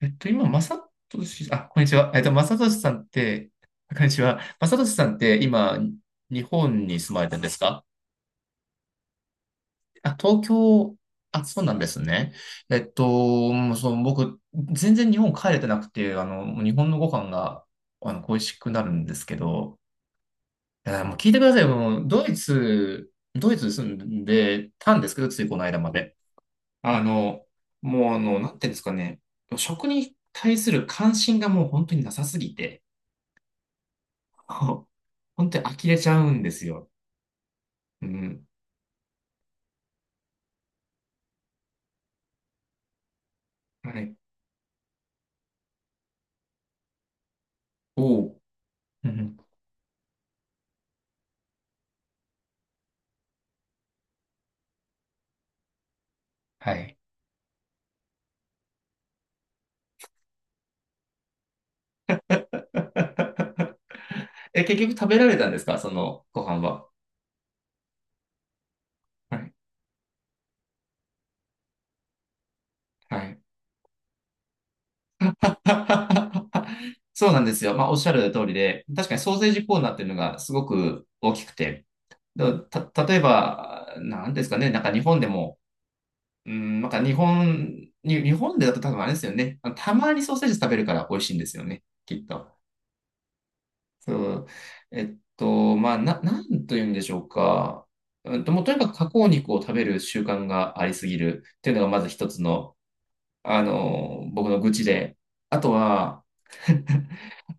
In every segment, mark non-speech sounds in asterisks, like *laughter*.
今、まさとし、あ、こんにちは。まさとしさんって、あこんにちは。まさとしさんって、今、日本に住まれてるんですか？あ、東京、あ、そうなんですね。えっと、もうそう、僕、全然日本帰れてなくて、もう日本のご飯が、恋しくなるんですけど、いや、もう聞いてくださいよ。もうドイツ住んでたんですけど、ついこの間まで。あの、もう、あの、なんていうんですかね。食に対する関心がもう本当になさすぎて、そう本当に呆れちゃうんですよ。うん。はい。おう。うん。はい。*laughs* え、結局食べられたんですかそのご飯は？はい。はい。*laughs* そうなんですよ。まあ、おっしゃる通りで、確かにソーセージコーナーっていうのがすごく大きくて、だた、例えば、なんですかね、なんか日本でも、うん、日本でだと多分あれですよね。あのたまにソーセージ食べるから美味しいんですよね、きっと。そう。まあ、なんというんでしょうか。もうとにかく加工肉を食べる習慣がありすぎるっていうのがまず一つの、あの、僕の愚痴で。あとは、*laughs*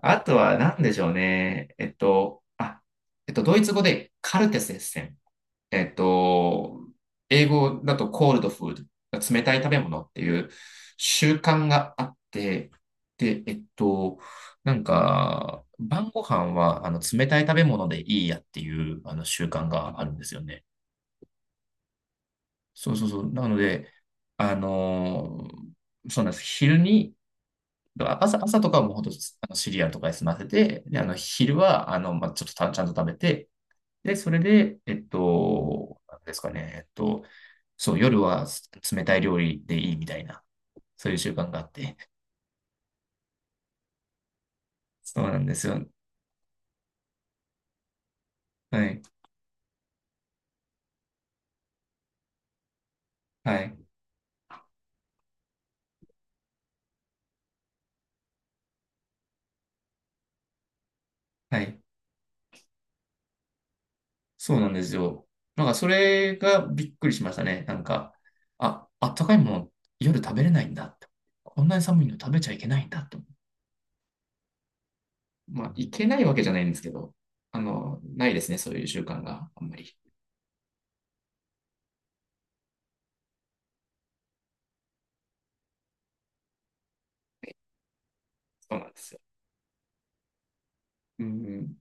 あとは何でしょうね。ドイツ語でカルテスエッセン。えっと、英語だとコールドフード、冷たい食べ物っていう習慣があって、で、なんか、晩ご飯はあの冷たい食べ物でいいやっていうあの習慣があるんですよね。そうそうそう。なので、あのーそうなんです。昼に、朝とかはもうほんとあのシリアルとかで済ませて、で、あの、昼は、あの、まあ、ちょっとたちゃんと食べて、で、それで、なんですかね、そう、夜は冷たい料理でいいみたいな、そういう習慣があって、*laughs* そうなんですよ。はい、はい、はい。そうなんですよ。なんか、それがびっくりしましたね。なんか、あったかいもの、夜食べれないんだって。こんなに寒いの食べちゃいけないんだって。まあ、いけないわけじゃないんですけど、あの、ないですね、そういう習慣があんまり。そうなんですよ。うん、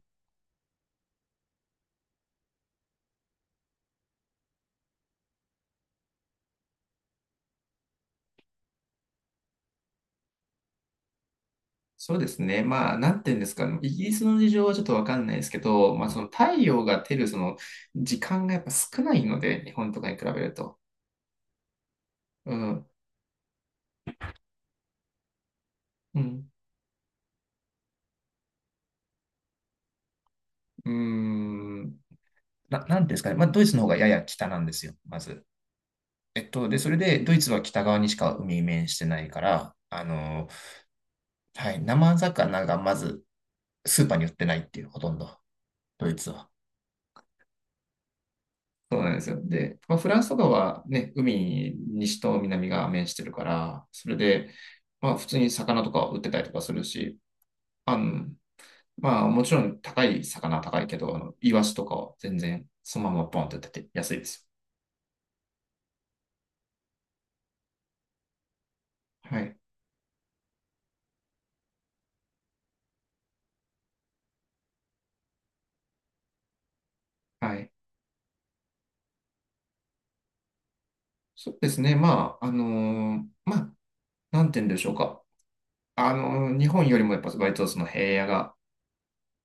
そうですね。まあ、なんて言うんですかね。イギリスの事情はちょっとわかんないですけど、まあ、その太陽が照るその時間がやっぱ少ないので、日本とかに比べると。うん。うん。うーん。なてうんですかね。まあ、ドイツの方がやや北なんですよ、まず。それで、ドイツは北側にしか海に面してないから、あの、はい、生魚がまずスーパーに売ってないっていう、ほとんど、ドイツは。そうなんですよ。で、まあ、フランスとかはね、海、西と南が面してるから、それで、まあ、普通に魚とか売ってたりとかするし、あの、まあ、もちろん高い魚は高いけど、あの、イワシとかは全然、そのままポンって出て安いですよ。はい。はい。そうですね。まあ、まあ、なんて言うんでしょうか。あのー日本よりもやっぱ割とその平野が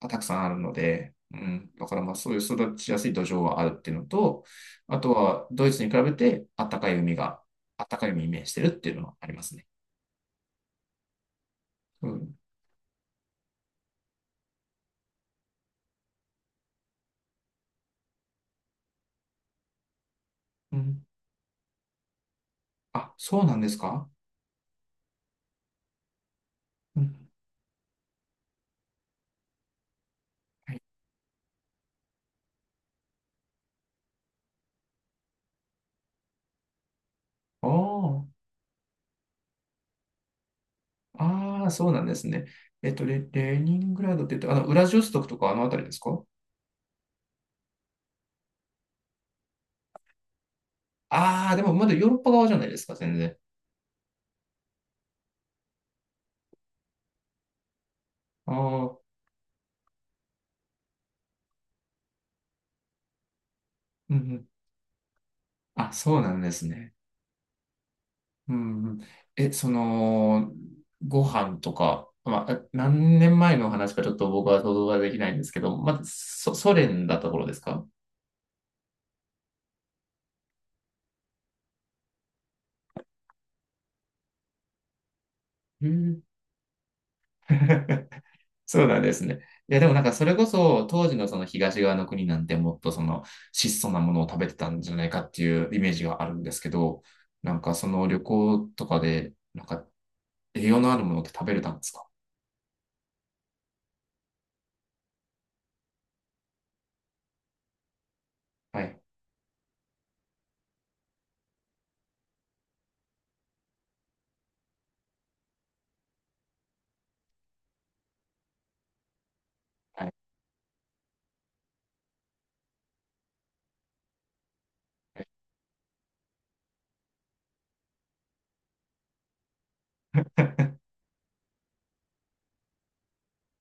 たくさんあるので、うん、だからまあそういう育ちやすい土壌はあるっていうのと、あとはドイツに比べてあったかい海が、あったかい海に面してるっていうのはありますね。うん。うん。あ、そうなんですか？うん。ああ、ああ、そうなんですね。レーニングラードって言って、あの、ウラジオストクとかあの辺りですか？ああー、でもまだヨーロッパ側じゃないですか、全然。ああ、うんうん。あ、そうなんですね。うんうん。え、その、ご飯とか、まあ、何年前の話かちょっと僕は想像ができないんですけど、まあ、ソ連だった頃ですか？うん。*laughs* そうなんですね。いや、でもなんかそれこそ当時のその東側の国なんてもっとその質素なものを食べてたんじゃないかっていうイメージがあるんですけど、なんかその旅行とかで、なんか栄養のあるものって食べれたんですか？はい。はい。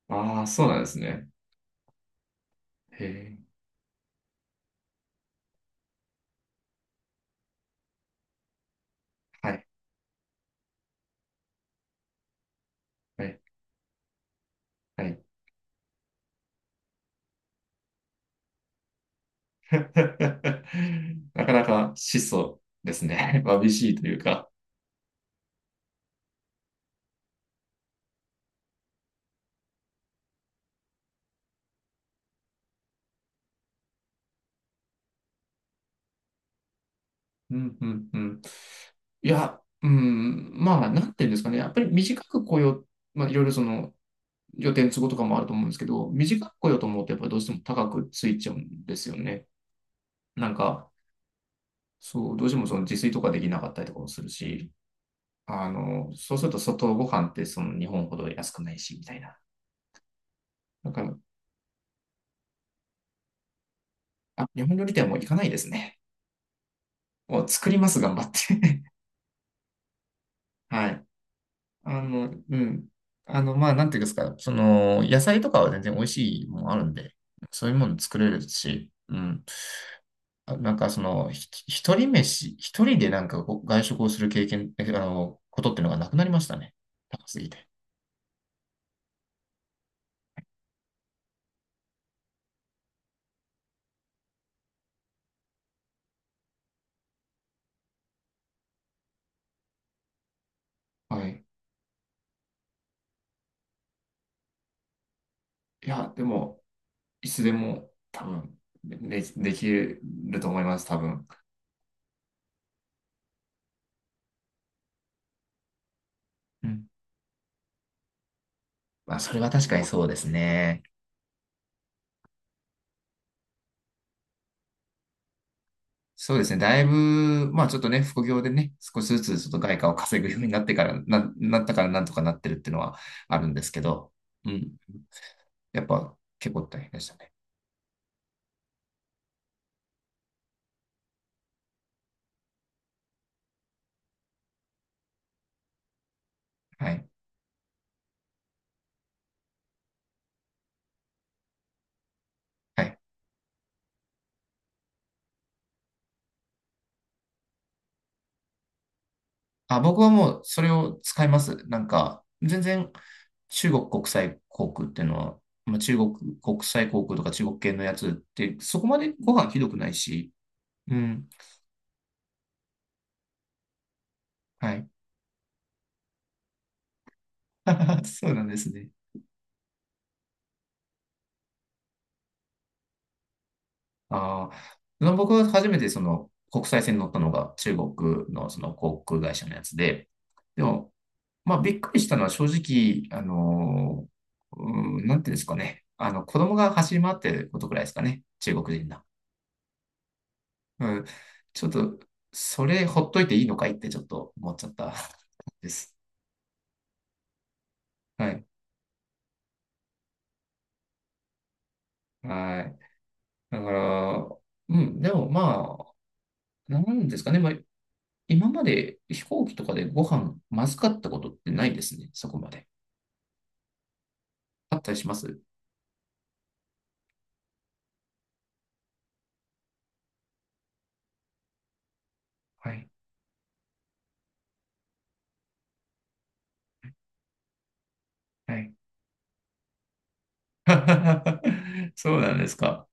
あ。 *laughs* あ、そうなんですね。へえ。はい。はい。はい。 *laughs* なかなか質素ですね。*laughs* わびしいというか。うん、うん、うん。いや、うん、まあ、なんていうんですかね。やっぱり短く来よう、まあ、いろいろその予定の都合とかもあると思うんですけど、短く来ようと思うと、やっぱりどうしても高くついちゃうんですよね。なんか、そう、どうしてもその自炊とかできなかったりとかもするし、あの、そうすると外ご飯ってその日本ほど安くないし、みたいな。だから、あ、日本料理店はもう行かないですね。もう作ります、頑張って。*laughs* はい。あの、うん。あの、まあ、なんていうんですか、その、野菜とかは全然美味しいもんあるんで、そういうもの作れるし、うん。あなんか、その、一人飯、一人でなんかこう外食をする経験、えあの、ことっていうのがなくなりましたね。高すぎて。はい。いや、でも、いつでも多分、できると思います、多分。うん。まあ、それは確かにそうですね。そうですね。だいぶ、まあちょっとね、副業でね、少しずつちょっと外貨を稼ぐようになってから、なったからなんとかなってるっていうのはあるんですけど、うん。やっぱ結構大変でしたね。はい。はい。あ、僕はもうそれを使います。なんか、全然中国国際航空っていうのは、まあ、中国国際航空とか中国系のやつって、そこまでご飯ひどくないし、うん。はい。*laughs* そうなんですね。ああ、僕は初めてその国際線に乗ったのが中国のその航空会社のやつで、でも、まあびっくりしたのは正直、あのうん、なんていうんですかね。あの、子供が走り回ってることくらいですかね。中国人な。うん。ちょっと、それほっといていいのかいってちょっと思っちゃった。 *laughs* です。はい。はい。だから、うん、でもまあ、なんですかね。まあ、今まで飛行機とかでご飯まずかったことってないですね。そこまで。あったりしますはい。はい。*laughs* そうなんですか。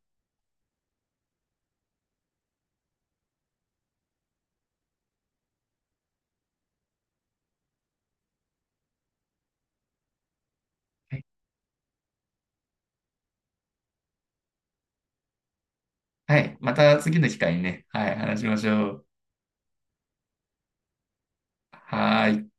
はい。はい、また次の機会にね、はい、話しましょう。はーい。